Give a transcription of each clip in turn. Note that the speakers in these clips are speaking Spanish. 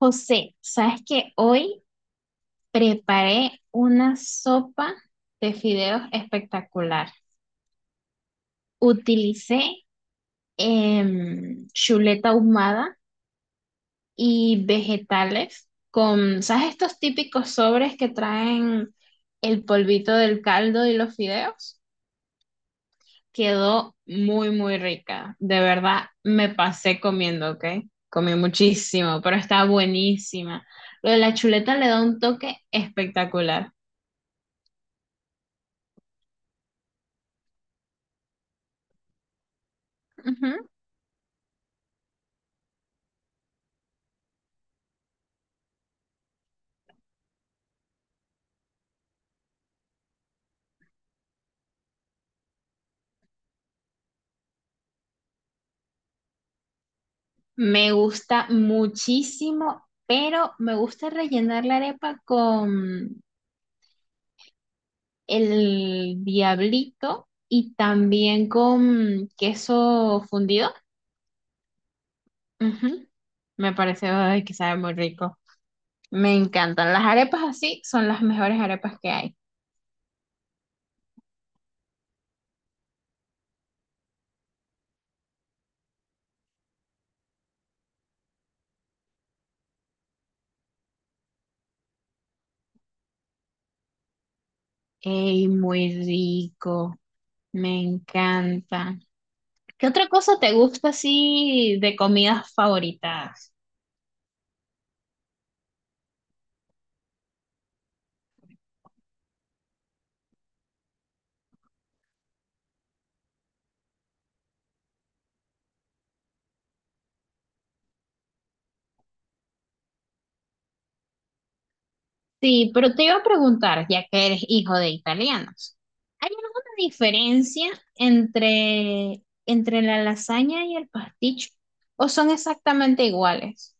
José, ¿sabes que hoy preparé una sopa de fideos espectacular? Utilicé chuleta ahumada y vegetales con, ¿sabes estos típicos sobres que traen el polvito del caldo y los fideos? Quedó muy, muy rica. De verdad, me pasé comiendo, ¿ok? Comí muchísimo, pero está buenísima. Lo de la chuleta le da un toque espectacular. Ujú. Me gusta muchísimo, pero me gusta rellenar la arepa con el diablito y también con queso fundido. Ujú. Me parece ay, que sabe muy rico. Me encantan. Las arepas así son las mejores arepas que hay. ¡Ey, muy rico! Me encanta. ¿Qué otra cosa te gusta así de comidas favoritas? Sí, pero te iba a preguntar, ya que eres hijo de italianos, ¿hay alguna diferencia entre la lasaña y el pasticho? ¿O son exactamente iguales?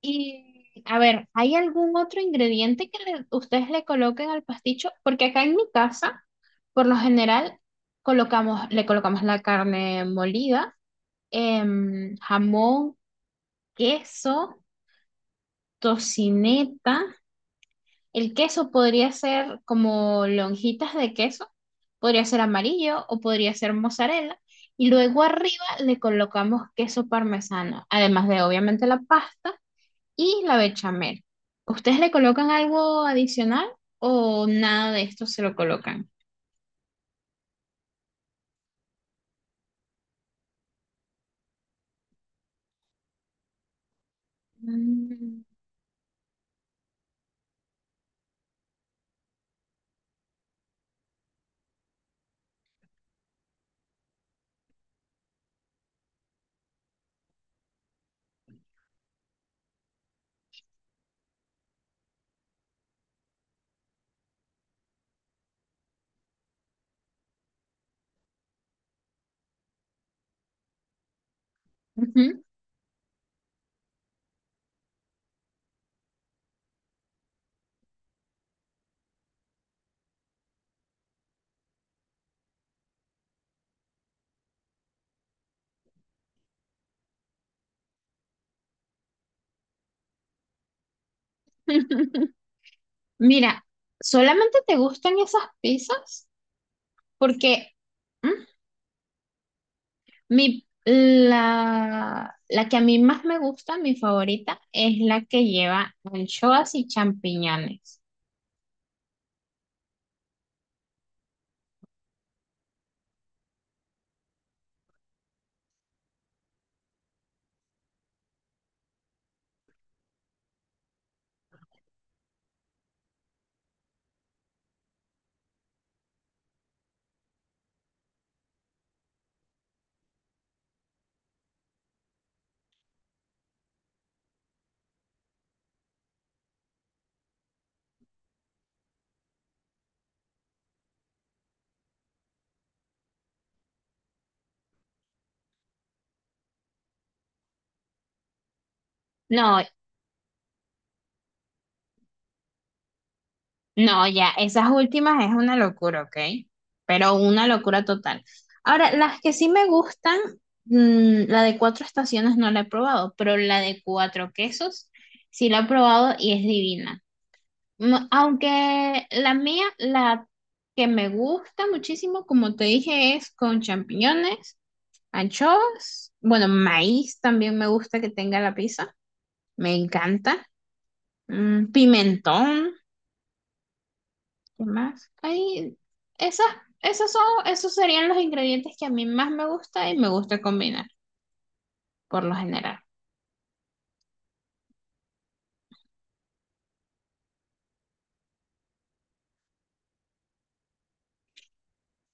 Y a ver, ¿hay algún otro ingrediente que ustedes le coloquen al pasticho? Porque acá en mi casa, por lo general, le colocamos la carne molida, jamón, queso, tocineta. El queso podría ser como lonjitas de queso, podría ser amarillo o podría ser mozzarella. Y luego arriba le colocamos queso parmesano, además de obviamente la pasta y la bechamel. ¿Ustedes le colocan algo adicional o nada de esto se lo colocan? Mm. Ujú. Mira, ¿solamente te gustan esas pizzas? Porque... mm, la que a mí más me gusta, mi favorita, es la que lleva anchoas y champiñones. No, no, ya, esas últimas es una locura, ¿ok? Pero una locura total. Ahora, las que sí me gustan, la de cuatro estaciones no la he probado, pero la de cuatro quesos sí la he probado y es divina. Aunque la mía, la que me gusta muchísimo, como te dije, es con champiñones. Anchoas, bueno, maíz también me gusta que tenga la pizza, me encanta. Pimentón, ¿qué más? Esas, esos son, esos serían los ingredientes que a mí más me gusta y me gusta combinar, por lo general.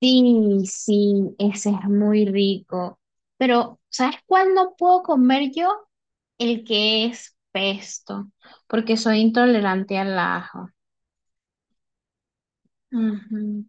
Sí, sí, ese es muy rico. Pero, ¿sabes cuál no puedo comer yo? El que es pesto, porque soy intolerante al ajo. Ujú.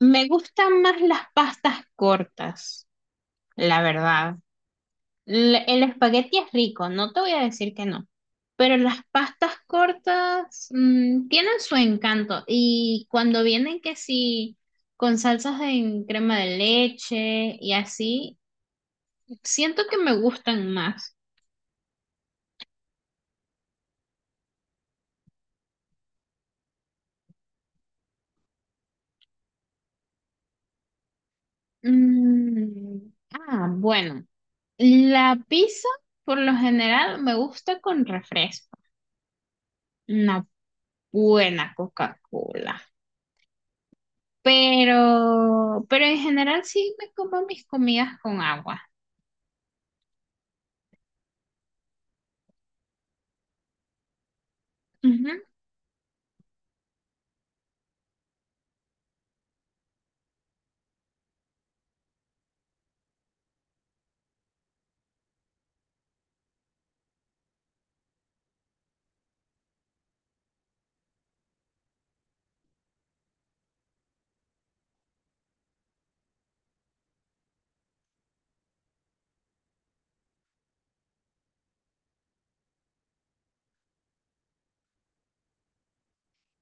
Me gustan más las pastas cortas, la verdad. El espagueti es rico, no te voy a decir que no, pero las pastas cortas tienen su encanto y cuando vienen que sí, con salsas en crema de leche y así, siento que me gustan más. Mm, bueno, la pizza por lo general me gusta con refresco, una buena Coca-Cola. Pero en general sí me como mis comidas con agua. Ujú.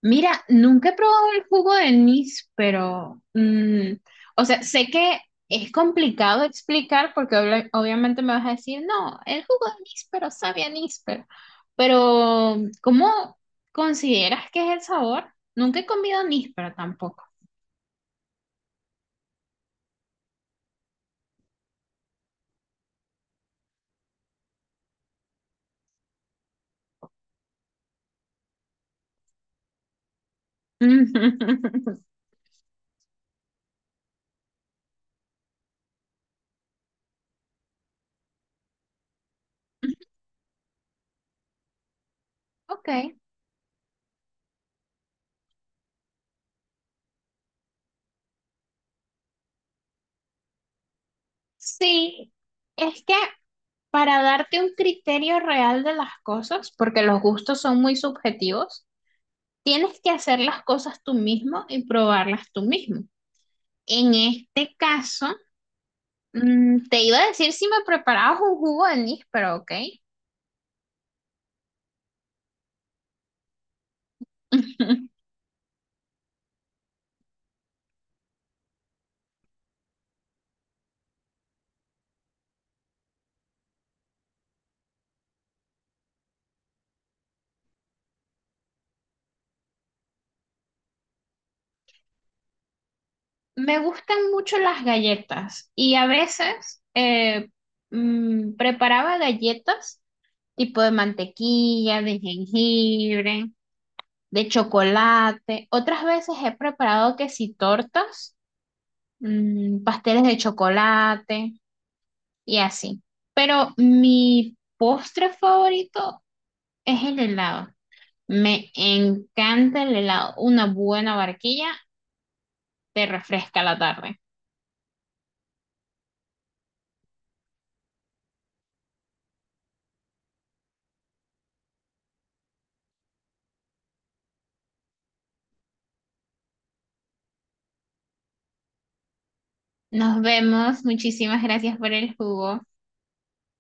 Mira, nunca he probado el jugo de anís, pero, o sea, sé que es complicado explicar porque obviamente me vas a decir, no, el jugo de anís, pero sabe a anís, pero, ¿cómo consideras que es el sabor? Nunca he comido anís, pero tampoco. Ok, sí, es que para darte un criterio real de las cosas, porque los gustos son muy subjetivos, tienes que hacer las cosas tú mismo y probarlas tú mismo. En este caso, te iba a decir si me preparabas un jugo de anís, pero ok. Me gustan mucho las galletas y a veces preparaba galletas tipo de mantequilla, de jengibre, de chocolate. Otras veces he preparado que si tortas, pasteles de chocolate y así. Pero mi postre favorito es el helado. Me encanta el helado. Una buena barquilla te refresca la tarde. Nos vemos. Muchísimas gracias por el jugo.